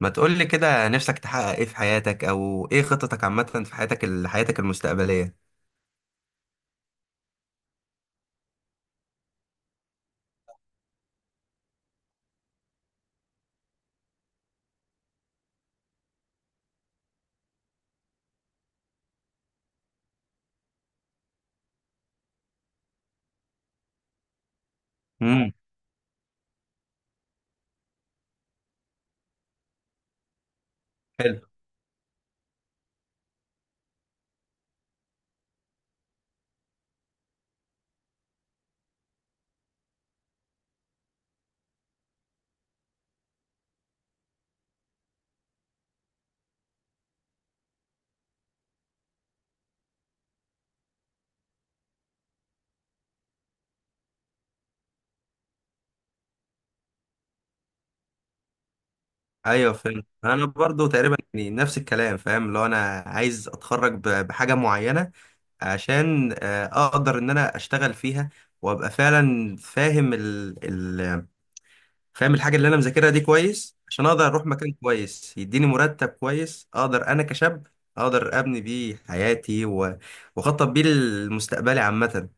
ما تقول لي كده، نفسك تحقق ايه في حياتك او ايه خططك عامة في حياتك، حياتك المستقبلية؟ امم. حلو. ايوه، فهمت. انا برضو تقريبا يعني نفس الكلام، فاهم، لو انا عايز اتخرج بحاجة معينة، عشان اقدر ان انا اشتغل فيها، وابقى فعلا فاهم ال... فاهم الحاجة اللي انا مذاكرها دي كويس، عشان اقدر اروح مكان كويس يديني مرتب كويس، اقدر انا كشاب اقدر ابني بيه حياتي واخطط بيه لمستقبلي عامة.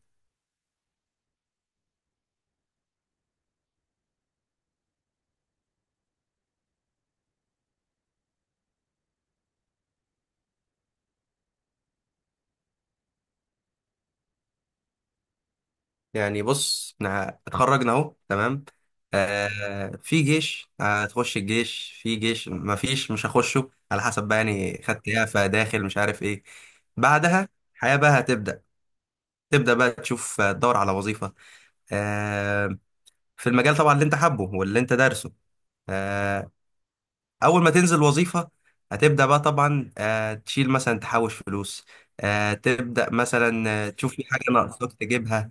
يعني بص، احنا اتخرجنا اهو، تمام. في جيش هتخش الجيش، في جيش ما فيش مش هخشه، على حسب بقى يعني خدت ايه فداخل مش عارف ايه. بعدها الحياة بقى تبدأ بقى تشوف، تدور على وظيفة. آه في المجال طبعا اللي انت حابه واللي انت دارسه. آه اول ما تنزل وظيفة هتبدأ بقى طبعا، تشيل مثلا، تحوش فلوس. تبدأ مثلا، تشوف في حاجة ناقصاك تجيبها.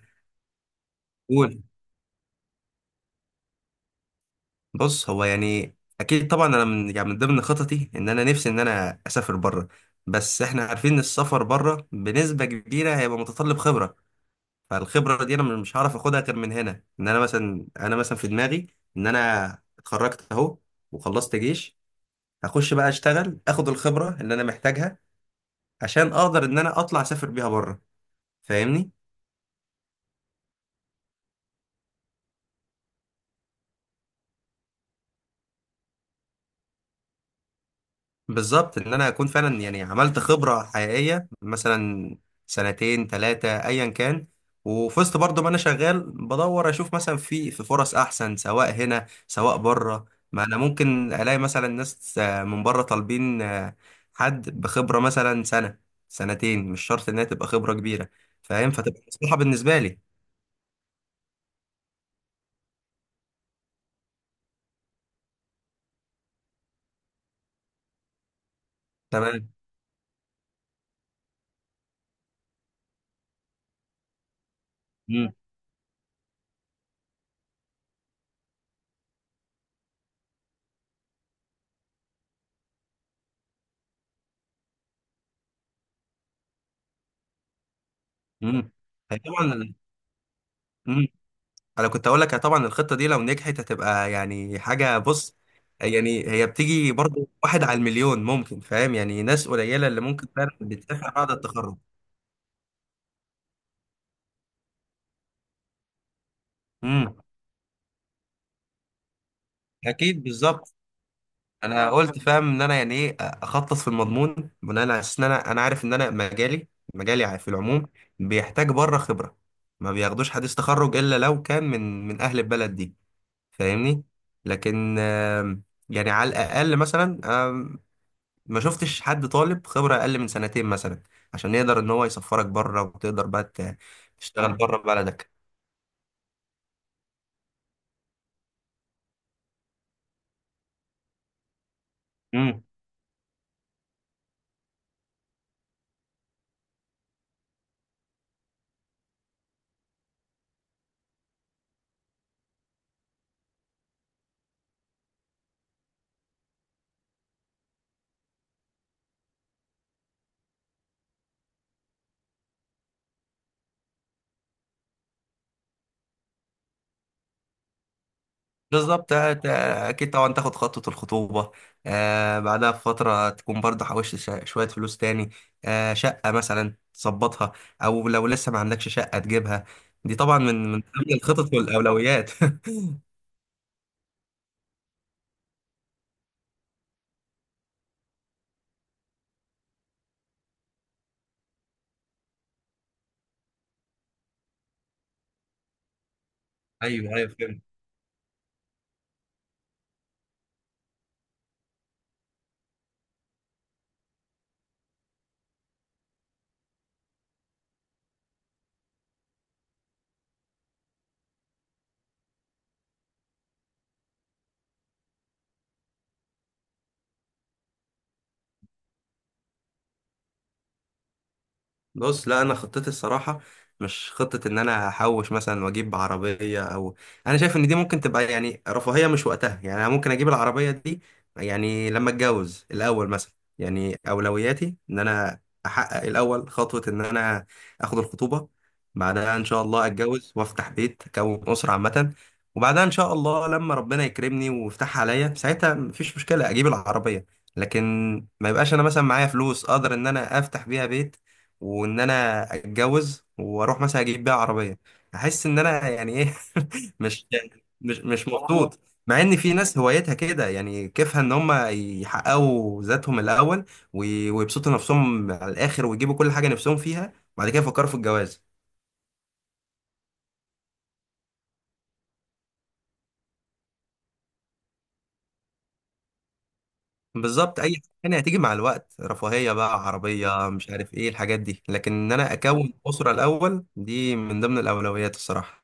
قول. بص، هو يعني اكيد طبعا، انا من يعني من ضمن خططي ان انا نفسي ان انا اسافر بره. بس احنا عارفين ان السفر بره بنسبه كبيره هيبقى متطلب خبره، فالخبره دي انا مش هعرف اخدها غير من هنا، ان انا مثلا في دماغي ان انا اتخرجت اهو وخلصت جيش، هخش بقى اشتغل اخد الخبره اللي انا محتاجها عشان اقدر ان انا اطلع اسافر بيها بره، فاهمني. بالظبط، ان انا اكون فعلا يعني عملت خبره حقيقيه، مثلا سنتين ثلاثه ايا كان، وفي وسط برضه ما انا شغال بدور اشوف مثلا في فرص احسن سواء هنا سواء بره. ما انا ممكن الاقي مثلا ناس، من بره طالبين، حد بخبره مثلا سنه سنتين، مش شرط انها تبقى خبره كبيره، فاهم، فتبقى مصلحه بالنسبه لي. تمام. امم. امم. طبعا، انا كنت اقول لك، طبعا الخطه دي لو نجحت هتبقى يعني حاجه، بص يعني هي بتيجي برضو واحد على المليون، ممكن، فاهم، يعني ناس قليله اللي ممكن فعلا بتسافر بعد التخرج. امم. اكيد، بالظبط. انا قلت، فاهم، ان انا يعني ايه اخطط في المضمون بناء على اساس ان انا عارف ان انا مجالي مجالي في العموم بيحتاج بره خبره، ما بياخدوش حديث تخرج الا لو كان من اهل البلد دي، فاهمني. لكن يعني على الاقل مثلا، ما شفتش حد طالب خبرة أقل من سنتين مثلا عشان يقدر إن هو يسفرك بره وتقدر بقى تشتغل، فاهم، بره بلدك. امم. بالظبط. أكيد طبعا تاخد خطوة الخطوبة. بعدها بفترة تكون برضه حوشت شوية فلوس تاني، شقة مثلا تظبطها، أو لو لسه ما عندكش شقة تجيبها. دي طبعا من ضمن الخطط والأولويات. أيوه، أيوه، فهمت. بص، لا، انا خطتي الصراحه مش خطه ان انا هحوش مثلا واجيب عربيه او، انا شايف ان دي ممكن تبقى يعني رفاهيه مش وقتها، يعني انا ممكن اجيب العربيه دي يعني لما اتجوز الاول مثلا. يعني اولوياتي ان انا احقق الاول خطوه، ان انا اخد الخطوبه، بعدها ان شاء الله اتجوز وافتح بيت اكون اسره عامه، وبعدها ان شاء الله لما ربنا يكرمني ويفتحها عليا، ساعتها مفيش مشكله اجيب العربيه. لكن ما يبقاش انا مثلا معايا فلوس اقدر ان انا افتح بيها بيت وان انا اتجوز واروح مثلا اجيب بيها عربيه، احس ان انا يعني ايه. مش مش مبسوط. مع ان في ناس هوايتها كده، يعني كيفها ان هم يحققوا ذاتهم الاول، ويبسطوا نفسهم على الاخر ويجيبوا كل حاجه نفسهم فيها، وبعد كده يفكروا في الجواز. بالظبط، اي حاجه تانية هتيجي مع الوقت، رفاهيه بقى، عربيه، مش عارف ايه الحاجات دي، لكن ان انا اكون اسره الاول دي من ضمن الاولويات الصراحه.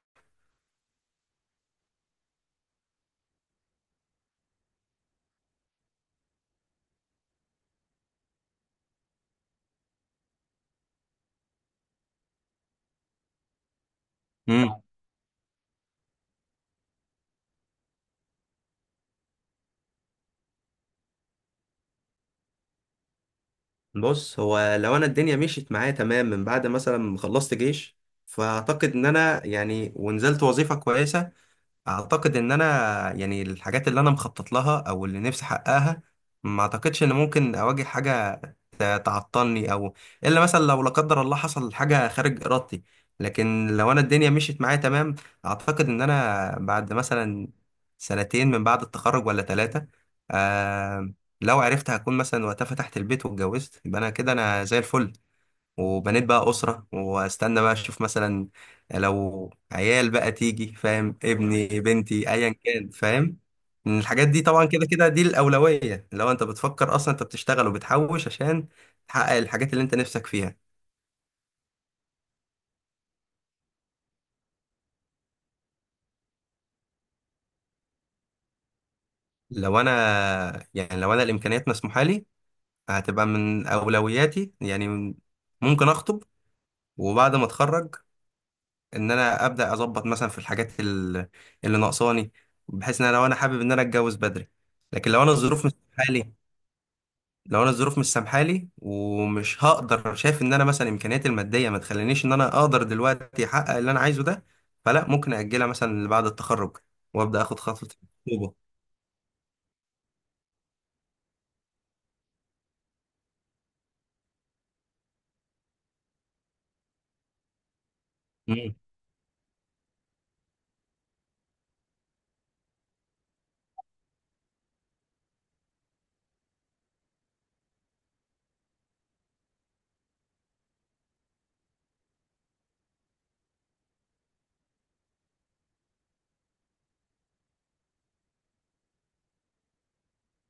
مم. بص، هو لو انا الدنيا مشيت معايا تمام من بعد مثلا ما خلصت جيش، فاعتقد ان انا يعني ونزلت وظيفة كويسة، اعتقد ان انا يعني الحاجات اللي انا مخطط لها او اللي نفسي احققها، ما اعتقدش ان ممكن اواجه حاجه تعطلني او، الا مثلا لو لا قدر الله حصل حاجه خارج ارادتي. لكن لو انا الدنيا مشيت معايا تمام، اعتقد ان انا بعد مثلا سنتين من بعد التخرج ولا ثلاثه. آه لو عرفت هكون مثلا وقتها فتحت البيت واتجوزت، يبقى انا كده انا زي الفل، وبنيت بقى أسرة واستنى بقى اشوف مثلا لو عيال بقى تيجي، فاهم، ابني بنتي ايا كان، فاهم. إن الحاجات دي طبعا كده كده دي الأولوية، لو انت بتفكر اصلا انت بتشتغل وبتحوش عشان تحقق الحاجات اللي انت نفسك فيها. لو انا الامكانيات مسموحة لي، هتبقى من أولوياتي، يعني ممكن اخطب، وبعد ما اتخرج ان انا ابدا اظبط مثلا في الحاجات اللي ناقصاني، بحيث ان انا لو انا حابب ان انا اتجوز بدري. لكن لو انا الظروف مش سامحالي ومش هقدر، شايف ان انا مثلا امكانياتي الماديه ما تخلينيش ان انا اقدر دلوقتي احقق اللي انا عايزه ده، فلا ممكن اجلها مثلا لبعد التخرج وابدا اخد خطوه الخطوبه.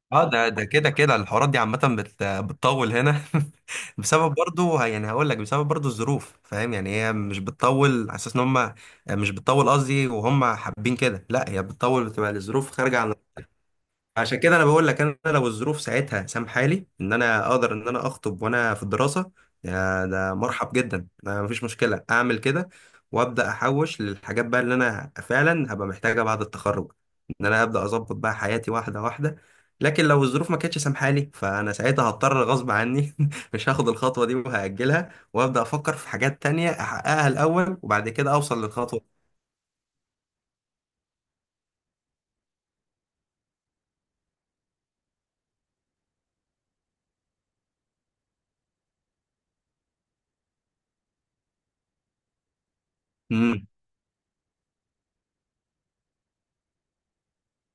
اه، ده كده كده الحوارات دي عامة بتطول هنا. بسبب برضو الظروف، فاهم، يعني هي مش بتطول على اساس ان هم مش بتطول قصدي وهم حابين كده، لا، هي بتطول، بتبقى الظروف خارجة عن. عشان كده انا بقول لك، انا لو الظروف ساعتها سامحالي ان انا اقدر ان انا اخطب وانا في الدراسه، يا ده مرحب جدا ما مفيش مشكله اعمل كده، وابدا احوش للحاجات بقى اللي انا فعلا هبقى محتاجها بعد التخرج، ان انا ابدا اظبط بقى حياتي واحده واحده. لكن لو الظروف ما كانتش سامحالي فانا ساعتها هضطر غصب عني، مش هاخد الخطوه دي وهاجلها، وابدا افكر في حاجات تانية احققها الاول وبعد كده اوصل للخطوه.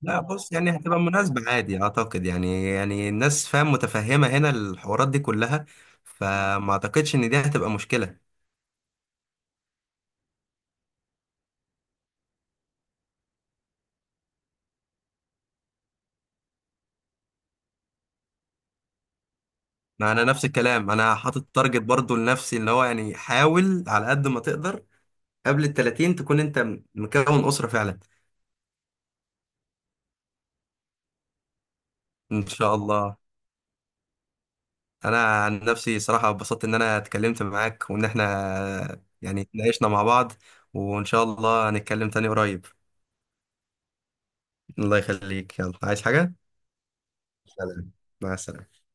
لا، بص، يعني هتبقى مناسبة عادي أعتقد، يعني الناس، فاهم، متفهمة هنا الحوارات دي كلها، فما أعتقدش إن دي هتبقى مشكلة. ما أنا نفس الكلام، أنا حاطط تارجت برضو لنفسي إن هو يعني حاول على قد ما تقدر، قبل ال 30 تكون أنت مكون أسرة فعلا. إن شاء الله. أنا عن نفسي صراحة اتبسطت إن أنا اتكلمت معاك، وإن إحنا يعني اتناقشنا مع بعض، وإن شاء الله هنتكلم تاني قريب. الله يخليك، يلا، عايز حاجة؟ سلام. مع السلامة.